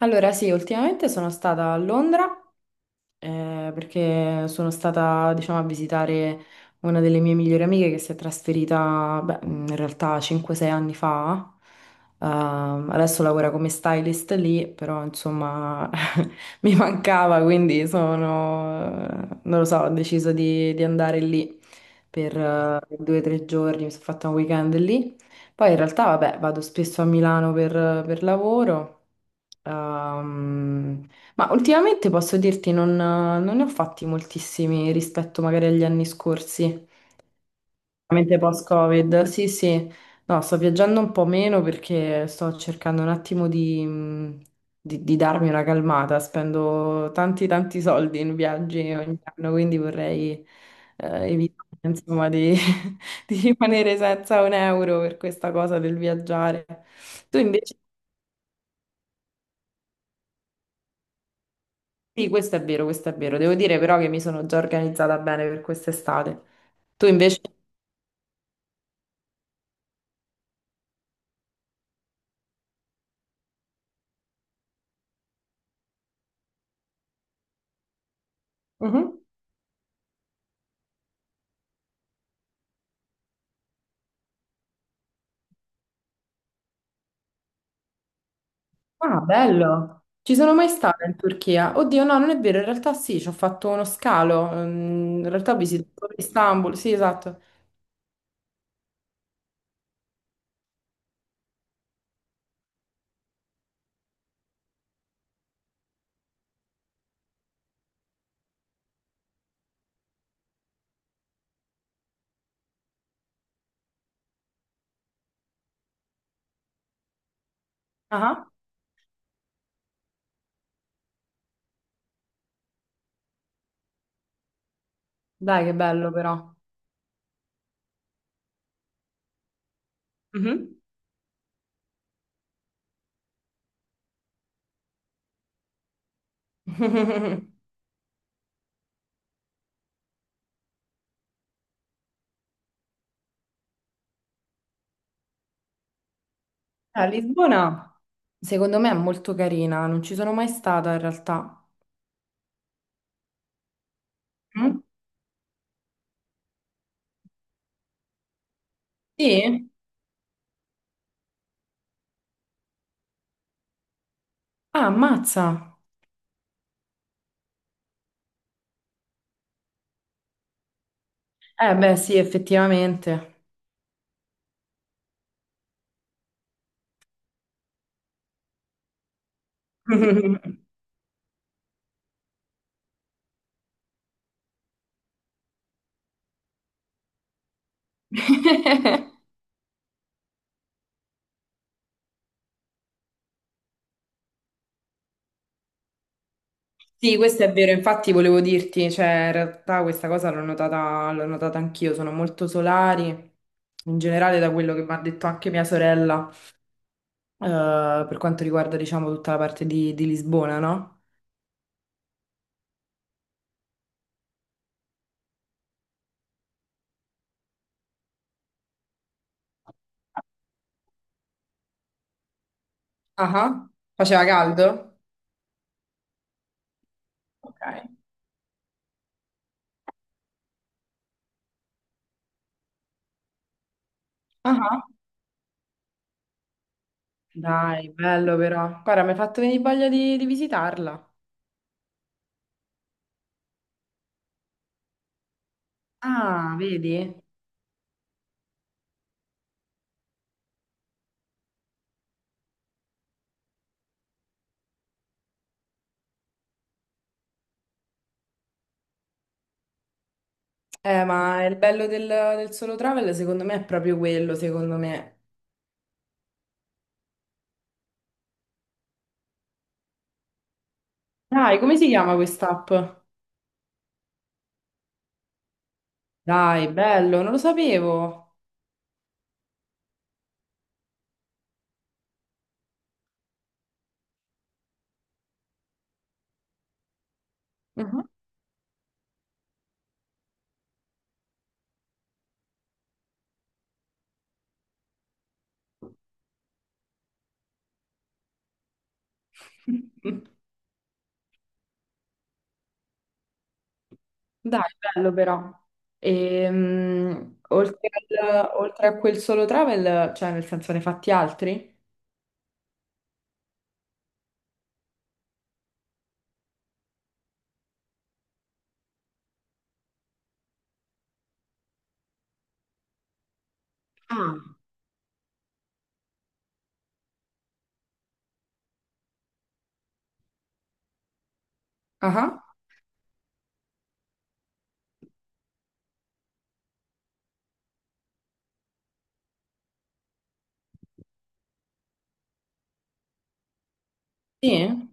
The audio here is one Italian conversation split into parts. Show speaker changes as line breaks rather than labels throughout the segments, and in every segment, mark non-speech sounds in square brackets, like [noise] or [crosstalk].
Allora, sì, ultimamente sono stata a Londra, perché sono stata, diciamo, a visitare una delle mie migliori amiche che si è trasferita, beh, in realtà 5-6 anni fa. Adesso lavora come stylist lì, però insomma [laughs] mi mancava, quindi sono, non lo so, ho deciso di andare lì per 2 o 3 giorni, mi sono fatta un weekend lì. Poi in realtà, vabbè, vado spesso a Milano per lavoro. Ehm, ma ultimamente posso dirti, non ne ho fatti moltissimi rispetto magari agli anni scorsi, veramente post-Covid. Sì, sì, no, sto viaggiando un po' meno perché sto cercando un attimo di darmi una calmata. Spendo tanti, tanti soldi in viaggi ogni anno, quindi vorrei evitare, insomma, di, [laughs] di rimanere senza un euro per questa cosa del viaggiare. Tu invece, sì, questo è vero, questo è vero. Devo dire però che mi sono già organizzata bene per quest'estate. Tu invece? Mhm. Ah, bello. Ci sono mai stata in Turchia? Oddio, no, non è vero, in realtà sì, ci ho fatto uno scalo. In realtà ho visitato Istanbul, sì, esatto. Ah, dai, che bello però. Mhm. [laughs] A Lisbona, secondo me è molto carina, non ci sono mai stata in realtà. Mm? Sì? Ah, ammazza. Eh beh, sì, effettivamente. [laughs] Sì, questo è vero, infatti volevo dirti, cioè in realtà questa cosa l'ho notata anch'io, sono molto solari, in generale da quello che mi ha detto anche mia sorella, per quanto riguarda diciamo tutta la parte di Lisbona, no? Ah, faceva caldo? Ok. Ah, dai, bello però. Guarda, mi hai fatto venire voglia di visitarla. Ah, vedi? Ma il bello del solo travel secondo me è proprio quello, secondo me. Dai, come si chiama quest'app? Dai, bello, non lo sapevo. Mhm. [laughs] Dai, bello però. Oltre oltre a quel solo travel, cioè nel senso ne hai fatti altri? Ah, Ah, ah. Sì?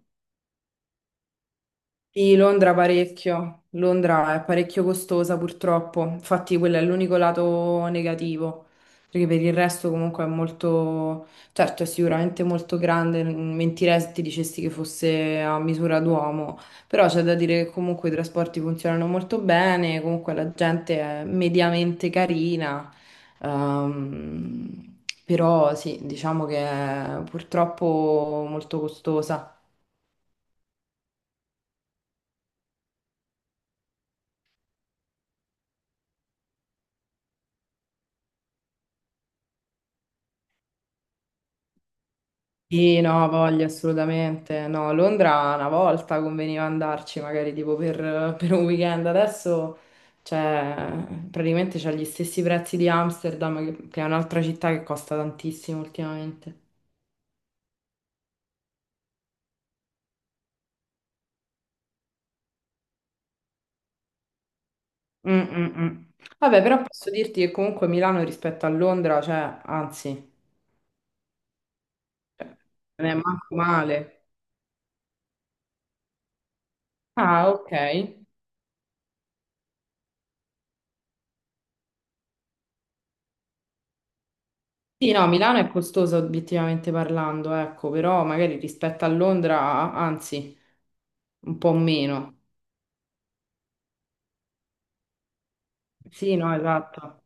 Sì, Londra parecchio, Londra è parecchio costosa purtroppo, infatti quello è l'unico lato negativo, perché per il resto comunque è molto, certo è sicuramente molto grande, mentirei se ti dicessi che fosse a misura d'uomo, però c'è da dire che comunque i trasporti funzionano molto bene, comunque la gente è mediamente carina, ehm, però sì, diciamo che è purtroppo molto costosa. Sì, no, voglio assolutamente. No, Londra una volta conveniva andarci, magari tipo per un weekend. Adesso cioè, praticamente c'ha gli stessi prezzi di Amsterdam, che è un'altra città che costa tantissimo ultimamente. Mm, mm, mm. Vabbè, però posso dirti che comunque Milano rispetto a Londra, cioè, anzi, cioè, non è manco male. Ah, ok. Sì, no, Milano è costosa obiettivamente parlando, ecco, però magari rispetto a Londra, anzi, un po' meno. Sì, no, esatto.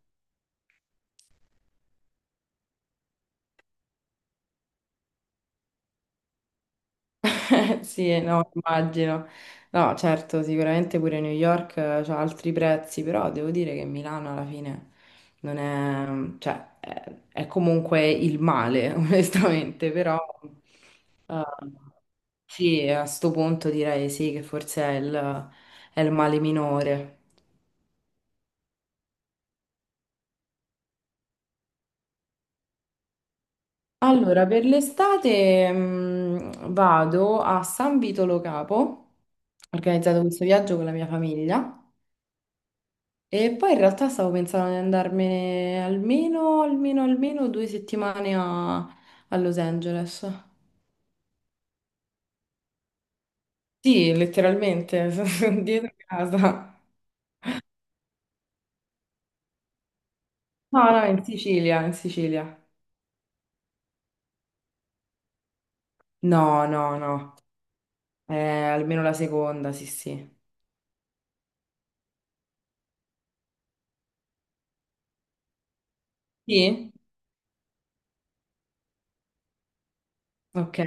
[laughs] Sì, no, immagino. No, certo, sicuramente pure New York ha altri prezzi, però devo dire che Milano alla fine non è, cioè, è comunque il male, [laughs] onestamente, però eh, sì, a sto punto direi sì che forse è il male minore. Allora, per l'estate vado a San Vito Lo Capo, ho organizzato questo viaggio con la mia famiglia e poi in realtà stavo pensando di andarmene almeno, almeno, almeno 2 settimane a Los Angeles. Sì, letteralmente, [laughs] sono dietro casa. No, no, in Sicilia, in Sicilia. No, no, no, Eh, almeno la seconda, sì, sì. Sì? Ok.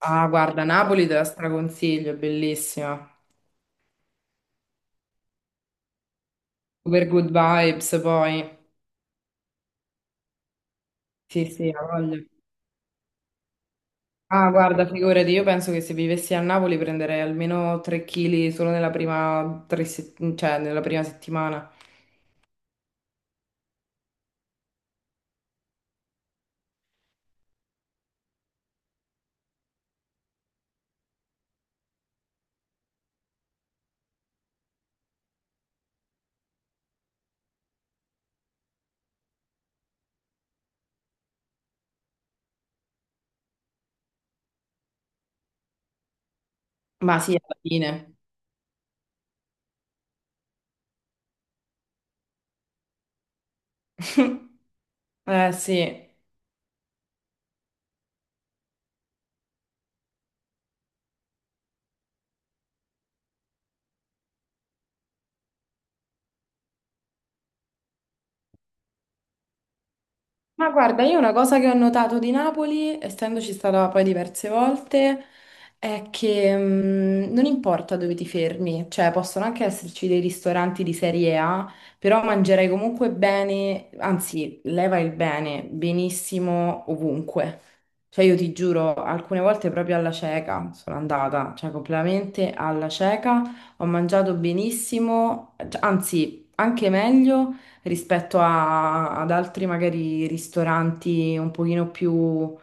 Ah, guarda, Napoli te la straconsiglio, è bellissima. Super good vibes poi. Sì, sì, ha voglia. Ah, guarda, figurati, io penso che se vivessi a Napoli prenderei almeno 3 kg solo nella prima, tre se- cioè, nella prima settimana. Ma sì, alla fine. [laughs] Eh sì. Ma guarda, io una cosa che ho notato di Napoli, essendoci stata poi diverse volte, è che non importa dove ti fermi, cioè possono anche esserci dei ristoranti di serie A, però mangerai comunque bene, anzi, leva il bene, benissimo ovunque. Cioè io ti giuro, alcune volte proprio alla cieca sono andata, cioè completamente alla cieca, ho mangiato benissimo, cioè anzi, anche meglio rispetto ad altri magari ristoranti un pochino più,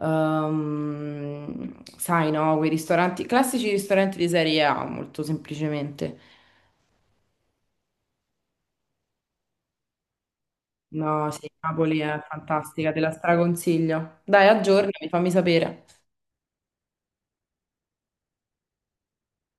sai, no, quei ristoranti, classici ristoranti di serie A, molto semplicemente. No, sì, Napoli è fantastica, te la straconsiglio. Dai, aggiornami, fammi sapere.